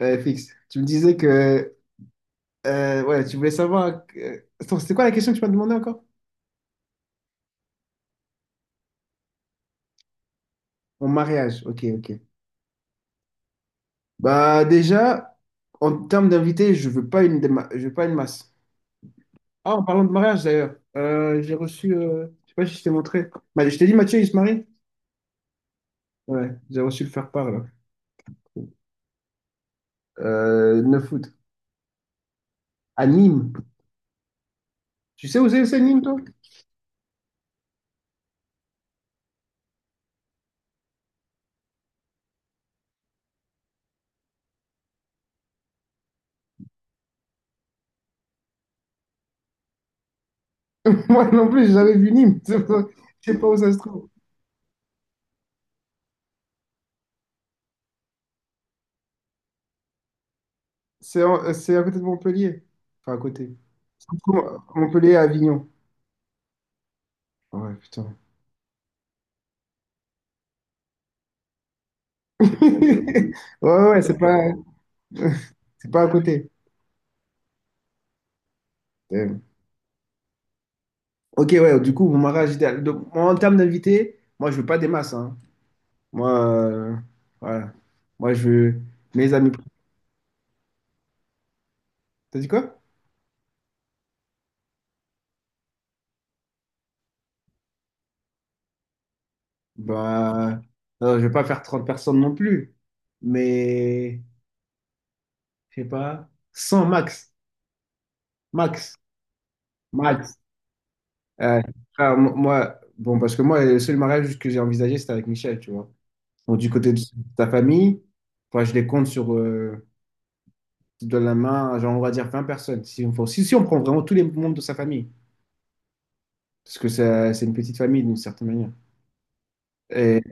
Ouais, fixe. Tu me disais que ouais, tu voulais savoir. Attends, c'était quoi la question que tu m'as demandé encore? Mon mariage. Ok, ok. Bah déjà, en termes d'invités, je veux pas une je veux pas une masse. Ah, en parlant de mariage d'ailleurs, j'ai reçu. Je sais pas si je t'ai montré. Je t'ai dit Mathieu, il se marie? Ouais, j'ai reçu le faire-part là. 9 août. À Nîmes. Tu sais où c'est Nîmes, toi? Moi non plus, j'ai jamais vu Nîmes. Je sais pas où ça se trouve. C'est à côté de Montpellier. Enfin, à côté. Ça se trouve à Montpellier à Avignon. Ouais, putain. Ouais, ouais, c'est pas à côté. Euh, Ok, ouais, du coup, mon mariage idéal. Donc, moi, en termes d'invités, moi, je veux pas des masses, hein. Moi, voilà. Moi, je veux mes amis. T'as dit quoi? Bah, non, je vais pas faire 30 personnes non plus. Mais, je sais pas, 100 max. Max. Max. Ouais. Ah, moi, bon, parce que moi, le seul mariage que j'ai envisagé, c'était avec Michel, tu vois. Donc, du côté de ta famille, enfin, je les compte sur. Tu donnes la main, à, genre, on va dire 20 personnes. Si on prend vraiment tous les membres de sa famille, parce que c'est une petite famille d'une certaine manière. Et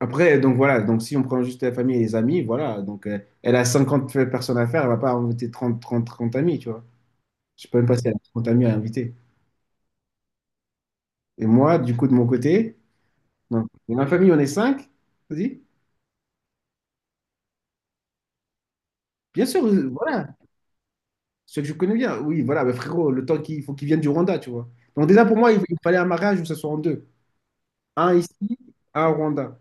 après, donc voilà, donc si on prend juste la famille et les amis, voilà, donc elle a 50 personnes à faire, elle va pas inviter 30 30 30 amis, tu vois. Je peux même pas si elle a 30 amis à inviter. Et moi, du coup, de mon côté, donc, dans ma famille, on est cinq, vas-y. Bien sûr, voilà, ceux que je connais bien, oui, voilà, mais frérot, le temps qu'il faut qu'ils viennent du Rwanda, tu vois. Donc déjà, pour moi, il fallait un mariage où ça soit en deux. Un ici, un au Rwanda.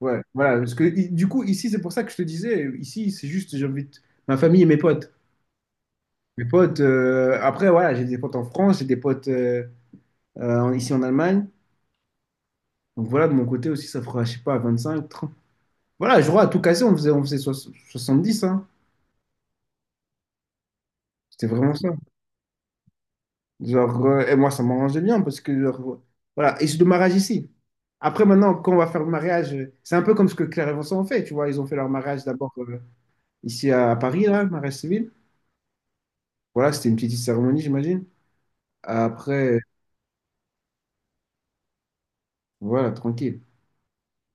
Ouais, voilà, parce que du coup, ici, c'est pour ça que je te disais, ici, c'est juste, j'invite ma famille et mes potes. Mes potes, après, voilà, j'ai des potes en France, j'ai des potes ici en Allemagne. Donc voilà, de mon côté aussi, ça fera, je sais pas, cinq trente. Voilà, je crois à tout casser, on faisait dix, hein. C'était vraiment ça. Genre, et moi, ça m'arrangeait bien parce que, genre, voilà, et c'est le mariage ici. Après, maintenant, quand on va faire le mariage, c'est un peu comme ce que Claire et Vincent ont fait, tu vois, ils ont fait leur mariage d'abord ici à Paris, là, le mariage civil. Voilà, c'était une petite cérémonie, j'imagine. Après, voilà, tranquille.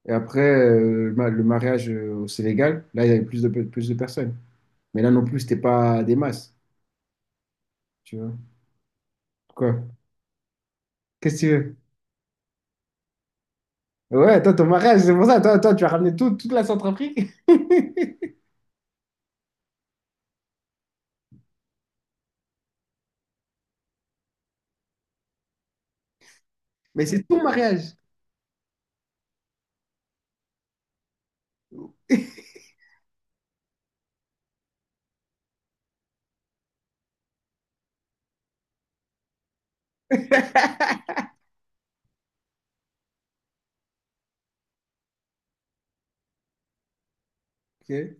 Et après, le mariage au Sénégal, là, il y avait plus de personnes. Mais là non plus, c'était pas des masses, tu vois. Quoi? Qu'est-ce que tu veux? Ouais, toi, ton mariage, c'est pour ça, toi, tu as ramené toute la Centrafrique. Mais c'est ton mariage. Ok,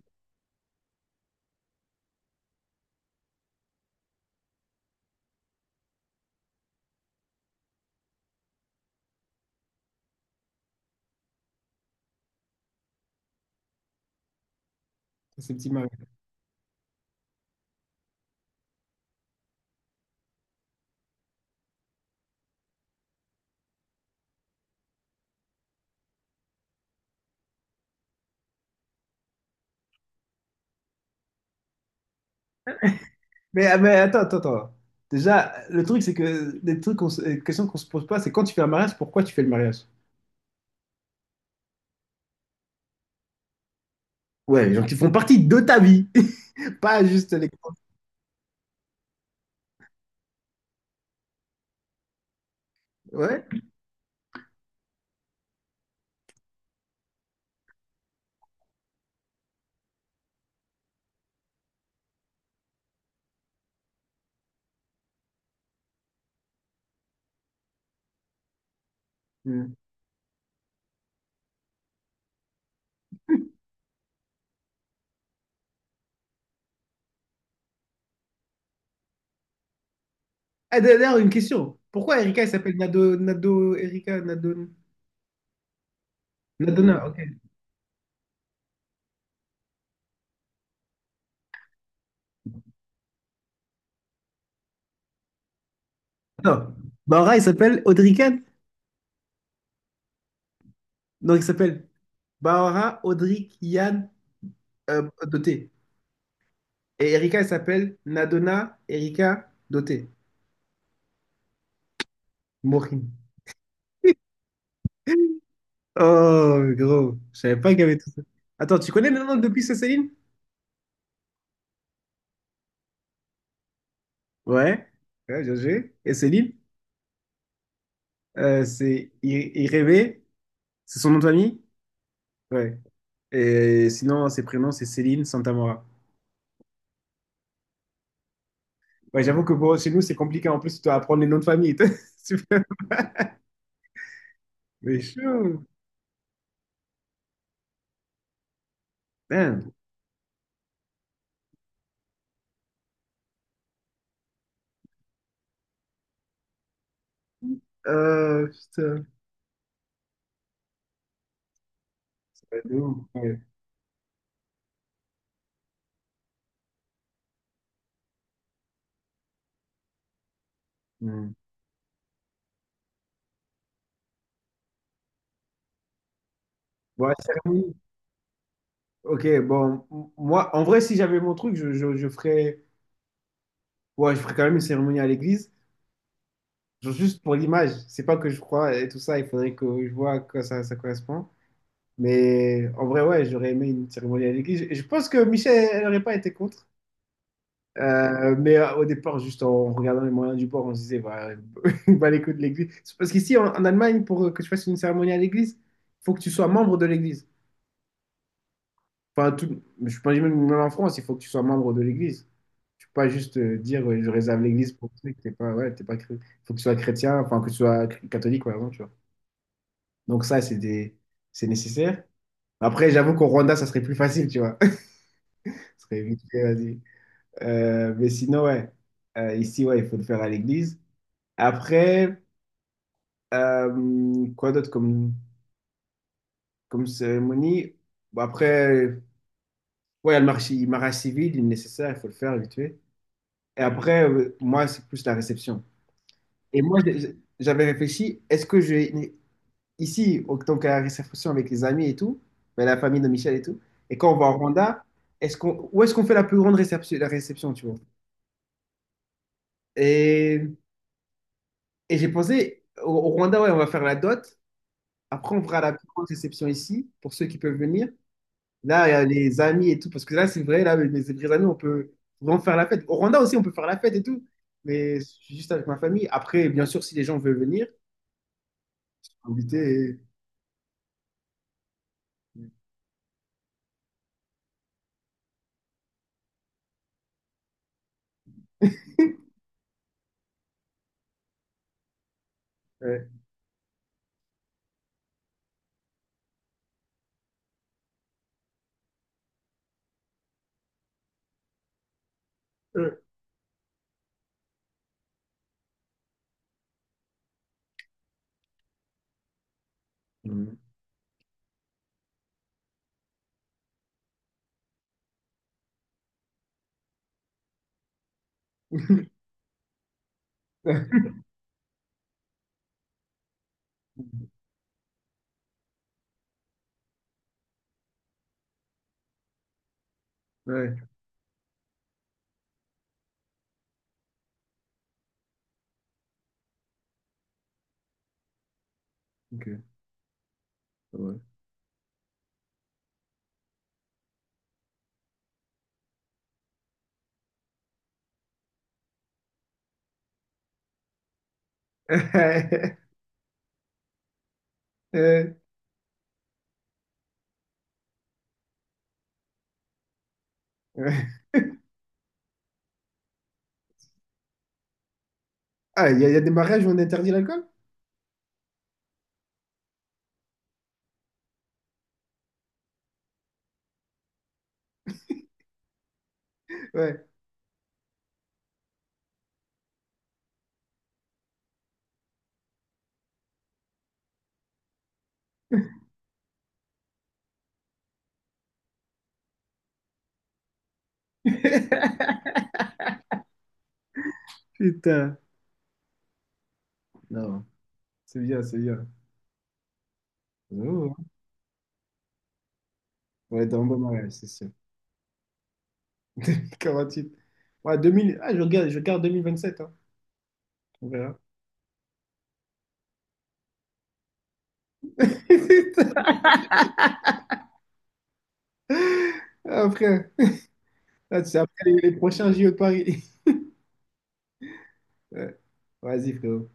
c'est petit mariage. Mais, ah, mais attends, attends, attends. Déjà, le truc, c'est que les questions qu'on se pose pas, c'est quand tu fais un mariage, pourquoi tu fais le mariage? Ouais, les gens qui font partie de ta vie, pas juste les... Ouais. Ah, d'ailleurs, une question. Pourquoi Erika, elle s'appelle Nado, Nado, Erika, Nado Nadona, ok. Attends, Bahora, il s'appelle Audrican. Donc, il s'appelle Bahora, Audric, Yann, Doté. Et Erika, elle s'appelle Nadona, Erika, Doté. Morin. Oh, gros, je savais pas qu'il y avait tout ça. Attends, tu connais le nom de plus, Céline? Ouais, ouais, bien joué. Et Céline, c'est Irebe, c'est son nom de famille? Ouais. Et sinon, ses prénoms, c'est Céline Santamora. Ouais, j'avoue que bon, chez nous, c'est compliqué. En plus, tu dois apprendre les noms de famille. C'est vrai. Mais chaud. Damn. Putain. Ouais, de ouf, ouais. Hmm. Bon, la cérémonie. Ok, bon. Moi, en vrai, si j'avais mon truc, je ferais... Ouais, je ferais quand même une cérémonie à l'église. Genre juste pour l'image. C'est pas que je crois et tout ça. Il faudrait que je vois à quoi ça correspond. Mais en vrai, ouais, j'aurais aimé une cérémonie à l'église. Et je pense que Michel, elle n'aurait pas été contre. Mais au départ, juste en regardant les moyens du bord, on se disait, bah, bah les coups de l'église. C'est parce qu'ici, en Allemagne, pour que tu fasses une cérémonie à l'église, il faut que tu sois membre de l'église. Enfin, tout, je pense même en France, il faut que tu sois membre de l'église. Tu peux pas juste dire, ouais, je réserve l'église pour que t'es pas, ouais, t'es pas, faut que tu sois chrétien, enfin, que tu sois catholique, par exemple, tu vois. Donc ça, c'est nécessaire. Après, j'avoue qu'au Rwanda, ça serait plus facile, tu vois. Ça serait vite fait, vas-y. Mais sinon, ouais. Ici, ouais, il faut le faire à l'église. Après, quoi d'autre comme, cérémonie? Bon, après, ouais, il y a le mariage civil, il est nécessaire, il faut le faire vite fait. Et après, moi, c'est plus la réception. Et moi, j'avais réfléchi, est-ce que j'ai ici, en tant qu'à la réception avec les amis et tout, ben, la famille de Michel et tout, et quand on va au Rwanda, où est-ce qu'on fait la plus grande réception, la réception, tu vois? Et, et j'ai pensé, au Rwanda, ouais, on va faire la dot. Après, on fera la plus grande réception ici, pour ceux qui peuvent venir. Là, il y a les amis et tout, parce que là, c'est vrai, là, mes vrais amis, on peut vraiment faire la fête. Au Rwanda aussi, on peut faire la fête et tout, mais je suis juste avec ma famille. Après, bien sûr, si les gens veulent venir, inviter. Ouais. Euh, Mhm. Ouais, ok, ouais. Euh, ouais. Ah, il y a des mariages où on interdit l'alcool? Ouais, putain. Non, c'est bien, c'est bien. Oh, on dans un bon mariage, c'est sûr. 48. Ouais, je regarde, 2027, hein. On verra. Ah, frère. Ah, c'est après les prochains JO de Paris. Ouais. Vas-y, frérot.